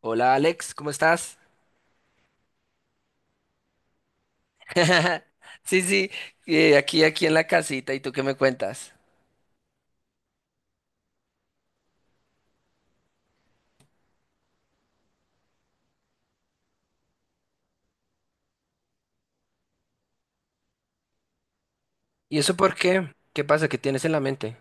Hola Alex, ¿cómo estás? Sí, sí, aquí en la casita, ¿y tú qué me cuentas? ¿Y eso por qué? ¿Qué pasa? ¿Qué tienes en la mente?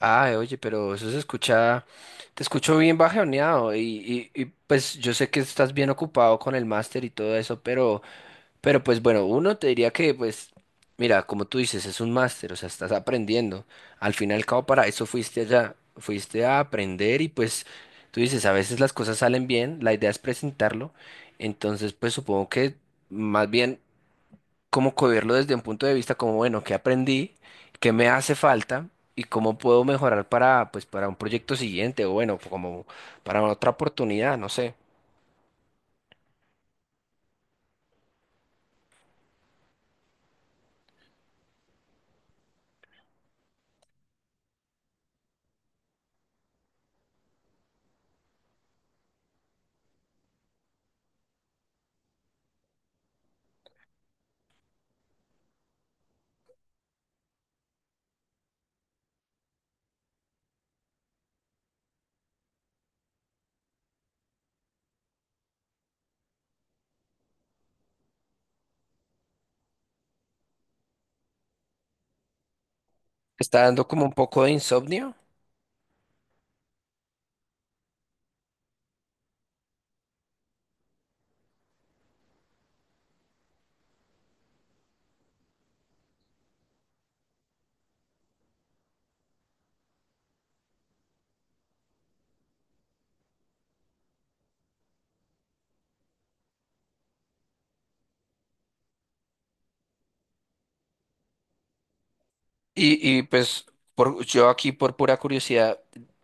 Ah, oye, pero eso se escucha, te escucho bien bajoneado y pues yo sé que estás bien ocupado con el máster y todo eso, pero pues bueno, uno te diría que pues, mira, como tú dices, es un máster, o sea, estás aprendiendo. Al fin y al cabo, para eso fuiste allá, fuiste a aprender y pues tú dices, a veces las cosas salen bien, la idea es presentarlo, entonces pues supongo que más bien cómo cogerlo desde un punto de vista como, bueno, qué aprendí, qué me hace falta y cómo puedo mejorar para, pues, para un proyecto siguiente o bueno, como para otra oportunidad, no sé. ¿Está dando como un poco de insomnio? Y pues por, yo aquí por pura curiosidad,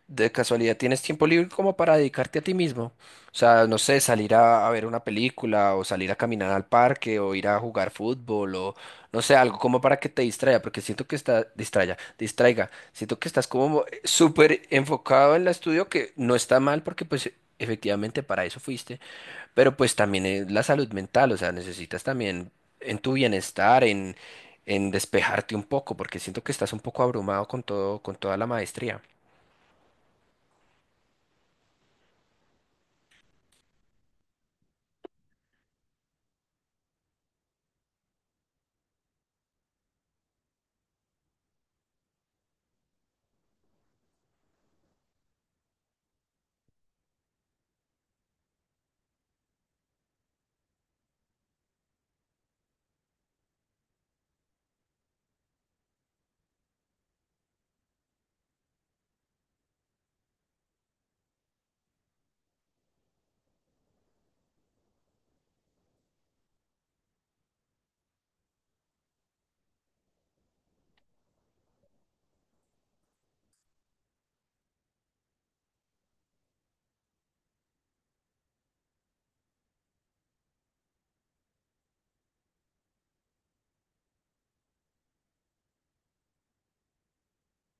de casualidad, ¿tienes tiempo libre como para dedicarte a ti mismo? O sea, no sé, salir a ver una película o salir a caminar al parque o ir a jugar fútbol o no sé, algo como para que te distraiga, porque siento que está, distraiga, distraiga, siento que estás como súper enfocado en el estudio que no está mal porque pues efectivamente para eso fuiste, pero pues también es la salud mental, o sea, necesitas también en tu bienestar, en despejarte un poco, porque siento que estás un poco abrumado con todo, con toda la maestría.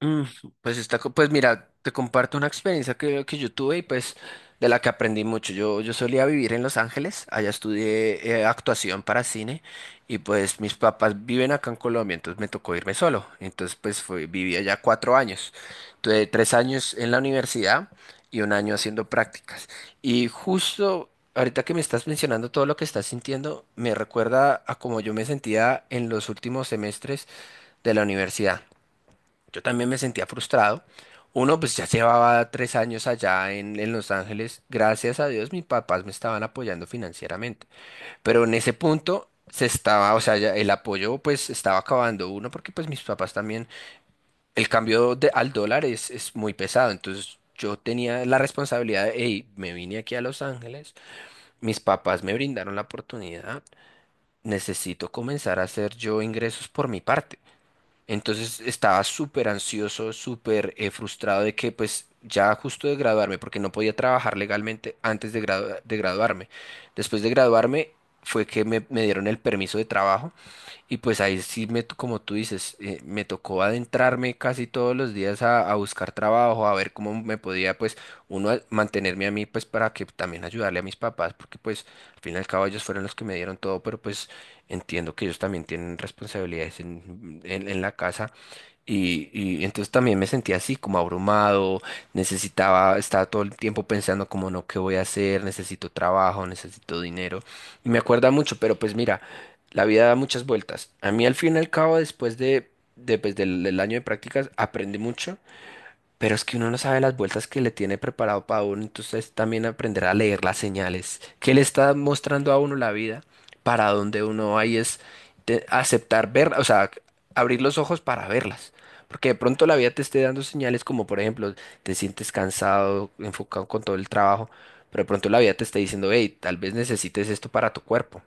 Mm. Pues está, co- pues mira, te comparto una experiencia que yo tuve y pues de la que aprendí mucho. Yo solía vivir en Los Ángeles, allá estudié actuación para cine y pues mis papás viven acá en Colombia, entonces me tocó irme solo. Entonces pues fue, viví allá 4 años. Tuve 3 años en la universidad y un año haciendo prácticas. Y justo ahorita que me estás mencionando todo lo que estás sintiendo, me recuerda a cómo yo me sentía en los últimos semestres de la universidad. Yo también me sentía frustrado. Uno, pues ya llevaba 3 años allá en Los Ángeles. Gracias a Dios, mis papás me estaban apoyando financieramente. Pero en ese punto se estaba, o sea, ya el apoyo pues estaba acabando uno porque pues mis papás también, el cambio de- al dólar es muy pesado. Entonces yo tenía la responsabilidad de, hey, me vine aquí a Los Ángeles, mis papás me brindaron la oportunidad, necesito comenzar a hacer yo ingresos por mi parte. Entonces estaba súper ansioso, súper frustrado de que pues ya justo de graduarme, porque no podía trabajar legalmente antes de, gradua- de graduarme. Después de graduarme fue que me dieron el permiso de trabajo y pues ahí sí, me, t- como tú dices, me tocó adentrarme casi todos los días a buscar trabajo, a ver cómo me podía, pues, uno a- mantenerme a mí, pues, para que también ayudarle a mis papás, porque pues, al fin y al cabo ellos fueron los que me dieron todo, pero pues entiendo que ellos también tienen responsabilidades en, en la casa. Y entonces también me sentía así, como abrumado, necesitaba, estaba todo el tiempo pensando como no, ¿qué voy a hacer? Necesito trabajo, necesito dinero. Y me acuerda mucho, pero pues mira. La vida da muchas vueltas. A mí al fin y al cabo, después de, pues, del, del año de prácticas, aprendí mucho, pero es que uno no sabe las vueltas que le tiene preparado para uno, entonces también aprender a leer las señales que le está mostrando a uno la vida, para donde uno va y es de- aceptar ver, o sea, abrir los ojos para verlas. Porque de pronto la vida te esté dando señales como, por ejemplo, te sientes cansado, enfocado con todo el trabajo, pero de pronto la vida te está diciendo, hey, tal vez necesites esto para tu cuerpo.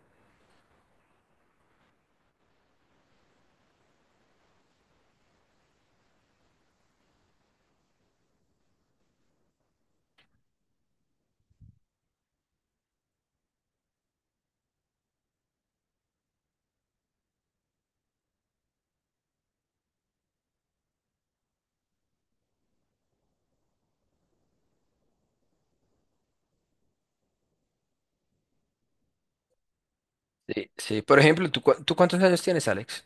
Sí, sí. Por ejemplo, ¿tú, cua- tú cuántos años tienes, Alex?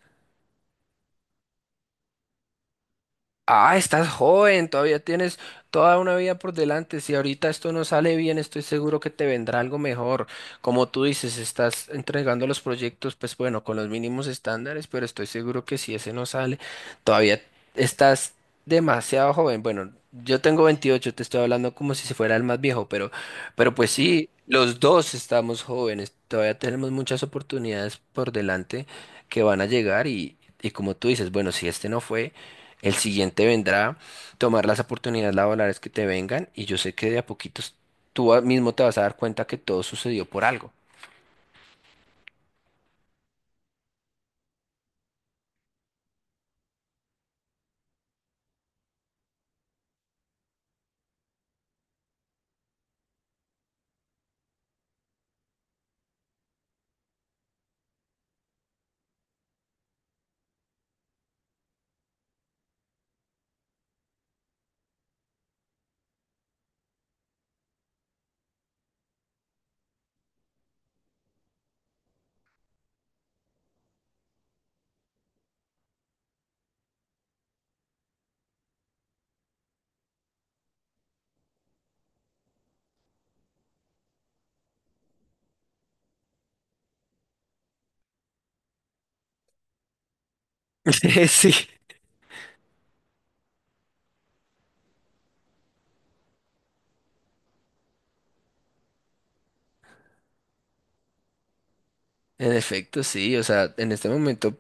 Ah, estás joven, todavía tienes toda una vida por delante. Si ahorita esto no sale bien, estoy seguro que te vendrá algo mejor. Como tú dices, estás entregando los proyectos, pues bueno, con los mínimos estándares, pero estoy seguro que si ese no sale, todavía estás demasiado joven. Bueno, yo tengo 28, te estoy hablando como si se fuera el más viejo, pero pues sí, los dos estamos jóvenes, todavía tenemos muchas oportunidades por delante que van a llegar y como tú dices, bueno, si este no fue. El siguiente vendrá, tomar las oportunidades laborales que te vengan y yo sé que de a poquitos tú a- mismo te vas a dar cuenta que todo sucedió por algo. Sí. En efecto, sí, o sea, en este momento,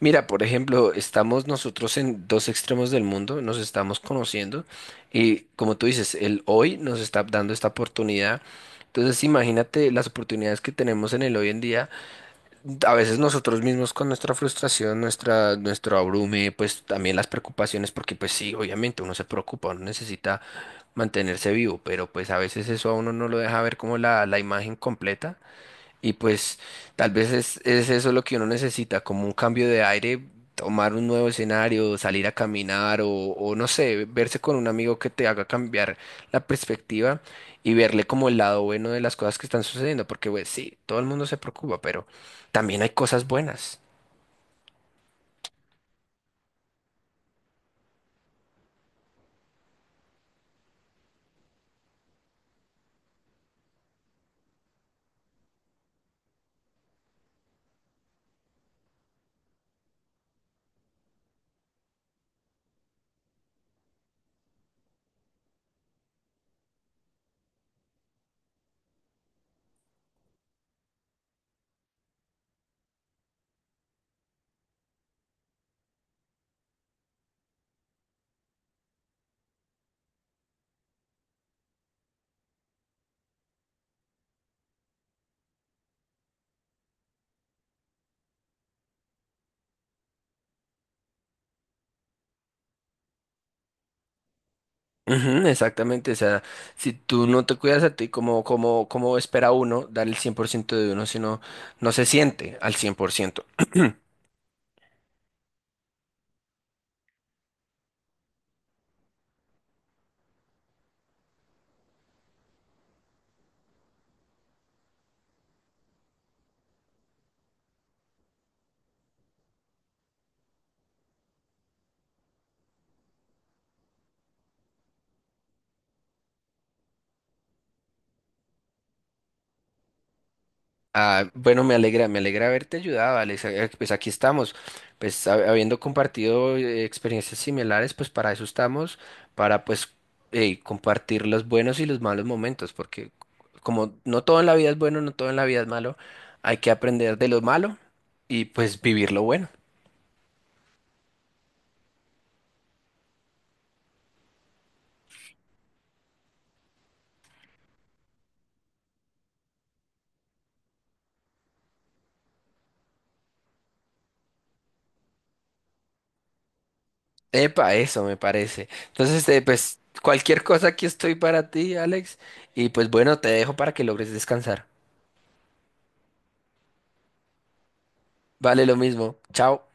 mira, por ejemplo, estamos nosotros en dos extremos del mundo, nos estamos conociendo y como tú dices, el hoy nos está dando esta oportunidad. Entonces, imagínate las oportunidades que tenemos en el hoy en día. A veces nosotros mismos con nuestra frustración, nuestra, nuestro abrume, pues también las preocupaciones, porque pues sí, obviamente uno se preocupa, uno necesita mantenerse vivo, pero pues a veces eso a uno no lo deja ver como la imagen completa. Y pues tal vez es eso lo que uno necesita, como un cambio de aire, tomar un nuevo escenario, salir a caminar o no sé, verse con un amigo que te haga cambiar la perspectiva y verle como el lado bueno de las cosas que están sucediendo, porque pues sí, todo el mundo se preocupa, pero también hay cosas buenas. Ujú, exactamente, o sea, si tú no te cuidas a ti, como, como, como espera uno dar el 100% de uno si no, no se siente al 100%. Ah, bueno, me alegra haberte ayudado, Alex. Pues aquí estamos, pues hab- habiendo compartido experiencias similares, pues para eso estamos, para pues compartir los buenos y los malos momentos, porque como no todo en la vida es bueno, no todo en la vida es malo, hay que aprender de lo malo y pues vivir lo bueno. Epa, eso me parece. Entonces, pues cualquier cosa aquí estoy para ti, Alex, y pues bueno, te dejo para que logres descansar. Vale, lo mismo. Chao.